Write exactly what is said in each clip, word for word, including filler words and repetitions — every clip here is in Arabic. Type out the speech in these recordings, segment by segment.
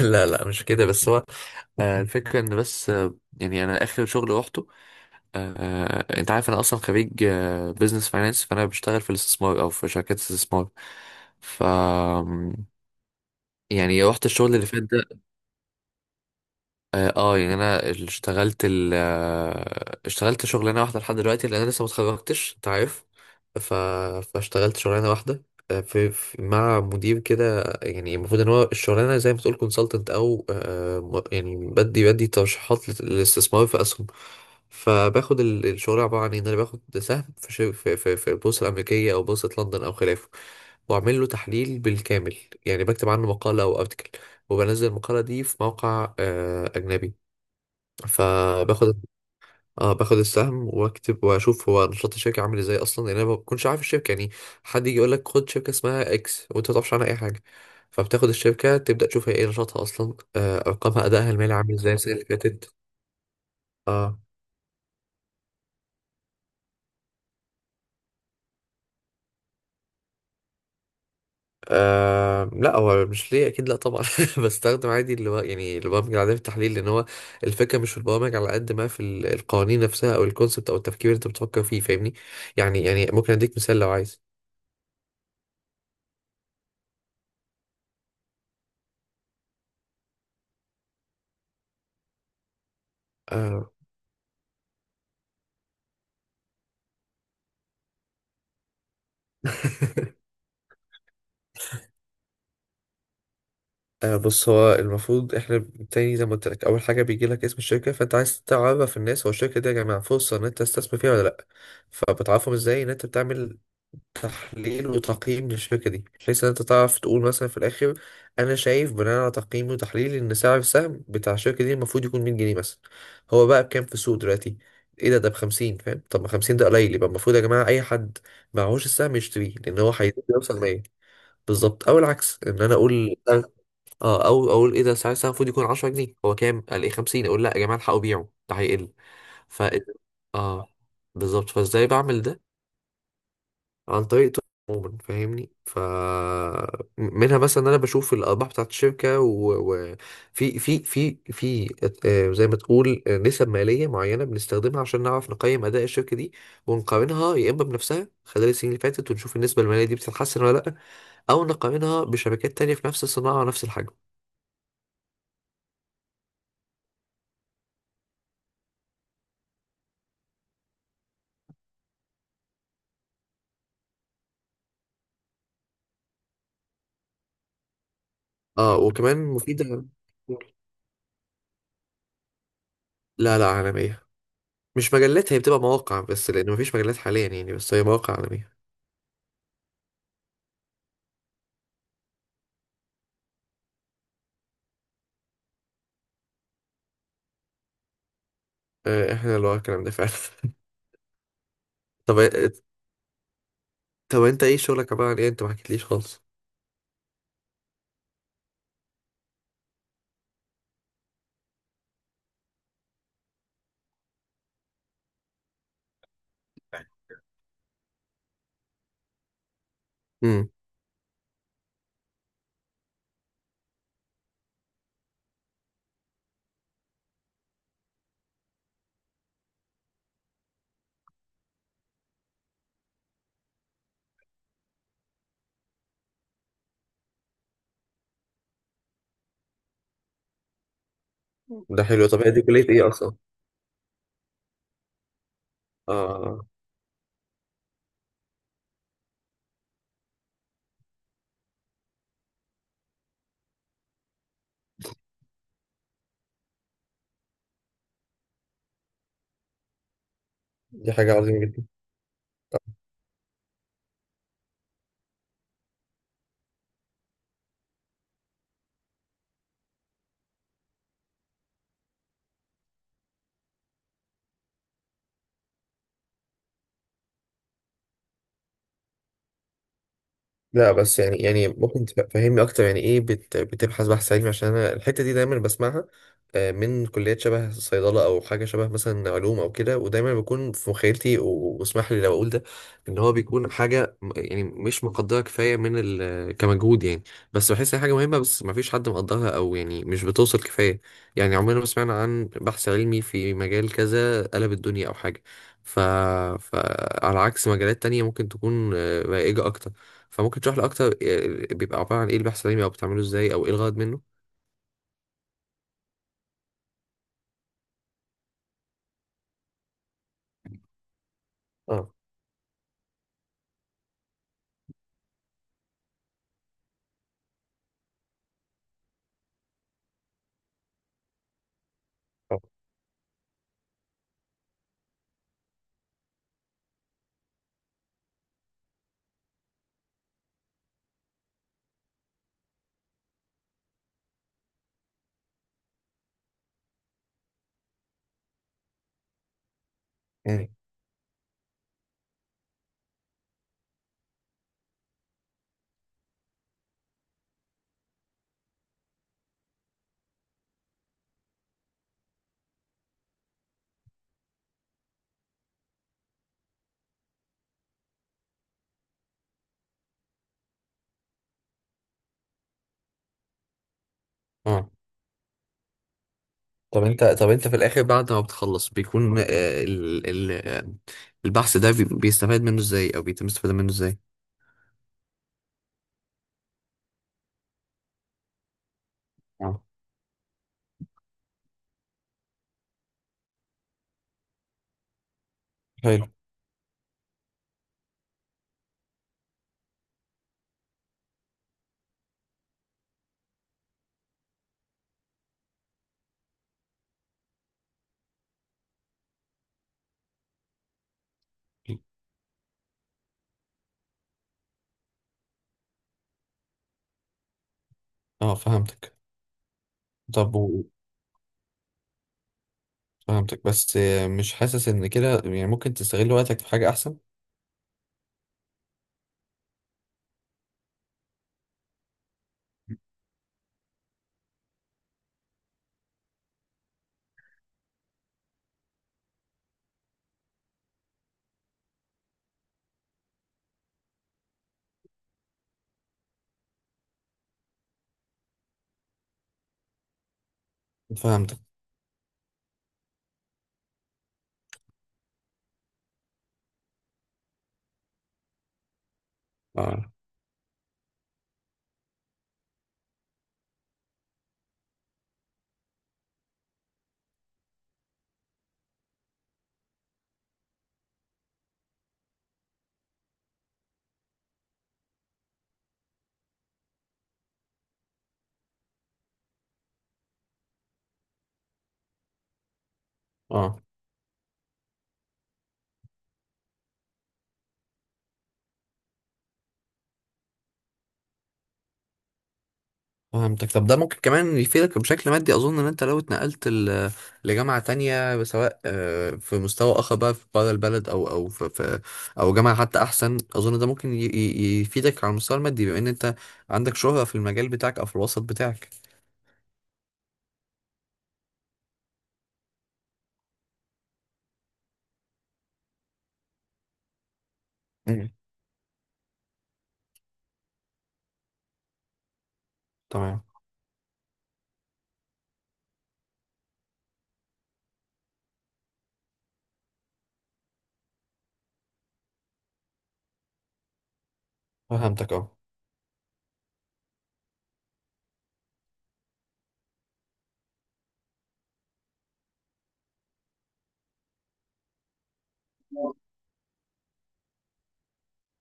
لا لا مش كده، بس هو. آه، الفكرة ان، بس آه، يعني انا اخر شغل روحته. آه، انت عارف انا اصلا خريج بزنس فاينانس، فانا بشتغل في الاستثمار او في شركات استثمار. ف، يعني رحت الشغل اللي فات ده. اه، آه، يعني انا اشتغلت ال آه، اشتغلت شغلانه واحده لحد دلوقتي، لان انا لسه ما اتخرجتش، انت عارف. ف... فاشتغلت شغلانه واحده، آه، في... في مع مدير كده، يعني المفروض ان هو الشغلانه زي ما تقول كونسلتنت، او آه، م- يعني بدي بدي ترشيحات لل- للاستثمار في اسهم. فباخد ال- الشغل عباره عن ان انا باخد سهم في شر... في في في البورصه الامريكيه او بورصه لندن او خلافه، واعمل له تحليل بالكامل. يعني بكتب عنه مقاله او ارتكل، وبنزل المقالة دي في موقع آه، أجنبي. فباخد، اه، باخد السهم واكتب واشوف هو نشاط الشركه عامل ازاي اصلا، لان انا ما بكونش عارف الشركه يعني. حد يجي يقول لك خد شركه اسمها اكس وانت ما تعرفش عنها اي حاجه. فبتاخد الشركه تبدا تشوف هي ايه نشاطها اصلا، آه، ارقامها، ادائها المالي عامل ازاي السنه اللي فاتت. اه، آه، لا هو مش ليه، اكيد لا طبعا. بستخدم عادي اللي هو يعني البرامج العاديه في التحليل، لان هو الفكره مش في البرامج على قد ما في ال- القوانين نفسها او الكونسبت او التفكير اللي انت بتفكر فيه، فاهمني؟ يعني، يعني ممكن اديك مثال لو عايز. آه. آه، بص، هو المفروض احنا، تاني زي ما قلت لك، اول حاجه بيجي لك اسم الشركه، فانت عايز تعرف الناس هو الشركه دي يا جماعه فرصه ان انت تستثمر فيها ولا لا. فبتعرفهم ازاي ان انت بتعمل تحليل وتقييم للشركة دي، بحيث ان انت تعرف تقول مثلا في الاخر: انا شايف بناء على تقييمي وتحليلي ان سعر السهم بتاع الشركة دي المفروض يكون مية جنيه مثلا، هو بقى بكام في السوق دلوقتي؟ ايه ده ده ب خمسين؟ فاهم؟ طب ما خمسين ده قليل، يبقى المفروض يا جماعة اي حد معهوش السهم يشتريه لان هو هيزيد يوصل مية. بالظبط. او العكس، ان انا اقول، اه، او اقول ايه ده؟ سعر السهم المفروض يكون عشرة جنيه، هو كام؟ قال ايه؟ خمسين. اقول لا يا جماعة الحقوا بيعوا، ده هيقل. ف، اه، بالظبط. فازاي بعمل ده؟ عن طريق، عموما فاهمني، ف، منها مثلا إن انا بشوف الارباح بتاعت الشركه، وفي في في في في آه، زي ما تقول آه، نسب ماليه معينه بنستخدمها عشان نعرف نقيم اداء الشركه دي، ونقارنها يا اما بنفسها خلال السنين اللي فاتت ونشوف النسبه الماليه دي بتتحسن ولا لا، او نقارنها بشركات تانية في نفس الصناعه ونفس الحجم. اه وكمان مفيده. لا لا عالميه، مش مجلات، هي بتبقى مواقع بس لان مفيش مجلات حاليا يعني، بس هي مواقع عالميه. آه، احنا اللي ورا الكلام ده فعلا. طب، طب انت ايه شغلك عبارة عن ايه؟ انت ما حكيتليش خالص. امم. ده حلو، طب هي دي آه، كلية ايه اصلا؟ اه. دي حاجة عظيمة جدا. لا بس يعني، يعني ممكن تفهمني اكتر؟ يعني ايه بت بتبحث بحث علمي؟ عشان انا الحته دي دايما بسمعها آه، من كليات شبه صيدله او حاجه شبه مثلا علوم او كده، ودايما بيكون في مخيلتي و- واسمح لي لو اقول ده، ان هو بيكون حاجه م- يعني مش مقدره كفايه من ال كمجهود يعني، بس بحس ان هي حاجه مهمه بس ما فيش حد مقدرها، او يعني مش بتوصل كفايه. يعني عمرنا ما سمعنا عن بحث علمي في مجال كذا قلب الدنيا او حاجه. ف... فعلى عكس مجالات تانية ممكن تكون آه، رائجة أكتر. فممكن تشرح لي اكتر آه، بيبقى عباره عن ايه البحث العلمي او بتعمله ازاي او ايه الغرض منه؟ اه. آه. مم. اه. طب انت، طب انت في الاخر بعد ما بتخلص بيكون آه، ال ال آه، البحث ده بي- بيستفاد منه ازاي، او بيتم استفادة منه ازاي؟ اه. حلو. اه فهمتك. طب و...، فهمتك، بس آه، مش حاسس ان كده يعني ممكن تستغل وقتك في حاجة احسن؟ فهمتك اه. اه فهمتك. طب ده ممكن كمان يفيدك بشكل مادي، اظن ان انت لو اتنقلت ل- لجامعه تانية، سواء آه، في مستوى اخر بقى في بره البلد، او او في في- او جامعه حتى احسن، اظن ده ممكن ي- ي- يفيدك على المستوى المادي، بما ان انت عندك شهره في المجال بتاعك او في الوسط بتاعك. امم. تمام. فهمتك اه.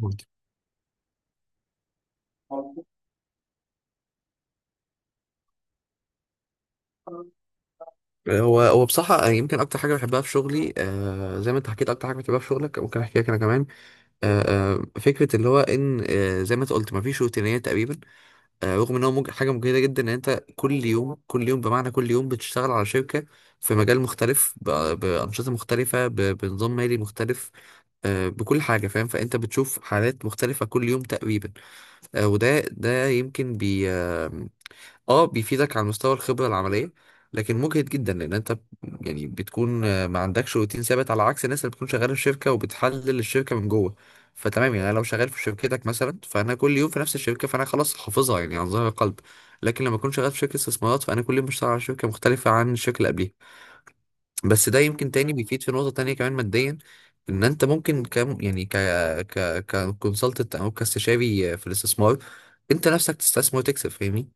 فهمتك. هو هو بصراحة يمكن أكتر حاجة بحبها في شغلي، آه زي ما أنت حكيت أكتر حاجة بتحبها في شغلك ممكن أحكيها أنا كمان. آه. آه، فكرة اللي هو إن، آه زي ما أنت قلت، مفيش روتينية تقريبا. آه، رغم ان هو مج... حاجه مجهده جدا، ان انت كل يوم كل يوم بمعنى كل يوم بتشتغل على شركه في مجال مختلف، ب... بانشطه مختلفه، ب... بنظام مالي مختلف، آه، بكل حاجه فاهم. فانت بتشوف حالات مختلفه كل يوم تقريبا، آه، وده ده يمكن بي... آه، اه بيفيدك على مستوى الخبرة العملية. لكن مجهد جدا لان انت ب- يعني بتكون آه، ما عندكش روتين ثابت، على عكس الناس اللي بتكون شغالة في شركة وبتحلل الشركة من جوه. فتمام، يعني انا لو شغال في شركتك مثلا فانا كل يوم في نفس الشركة فانا خلاص حافظها يعني عن ظهر قلب، لكن لما اكون شغال في شركة استثمارات فانا كل يوم بشتغل على شركة مختلفة عن الشركة اللي قبليها. بس ده يمكن تاني بيفيد في نقطة تانية كمان ماديا، ان انت ممكن، كم يعني، ك ك ككونسلتنت او كاستشاري في الاستثمار، انت نفسك تستثمر وتكسب، فاهمني؟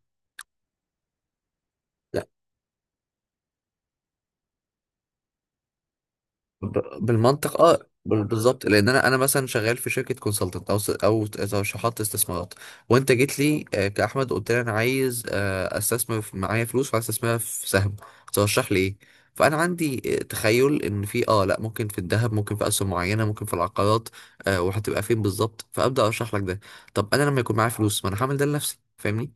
ب- بالمنطق اه. بال- بالظبط، لان انا انا مثلا شغال في شركه كونسلتنت او س- او ترشيحات استثمارات، وانت جيت لي آه، كاحمد قلت لي انا عايز آه، استثمر في- معايا فلوس وعايز استثمرها في سهم، ترشح لي ايه؟ فانا عندي آه، تخيل ان في، اه لا، ممكن في الذهب، ممكن في اسهم معينه، ممكن في العقارات، آه، وهتبقى فين بالظبط، فابدا ارشح لك ده. طب انا لما يكون معايا فلوس ما انا هعمل ده لنفسي، فاهمني؟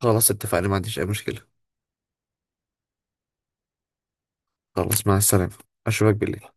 خلاص اتفقنا، ما عنديش اي مشكله. خلاص، مع السلامه، اشوفك بالليل.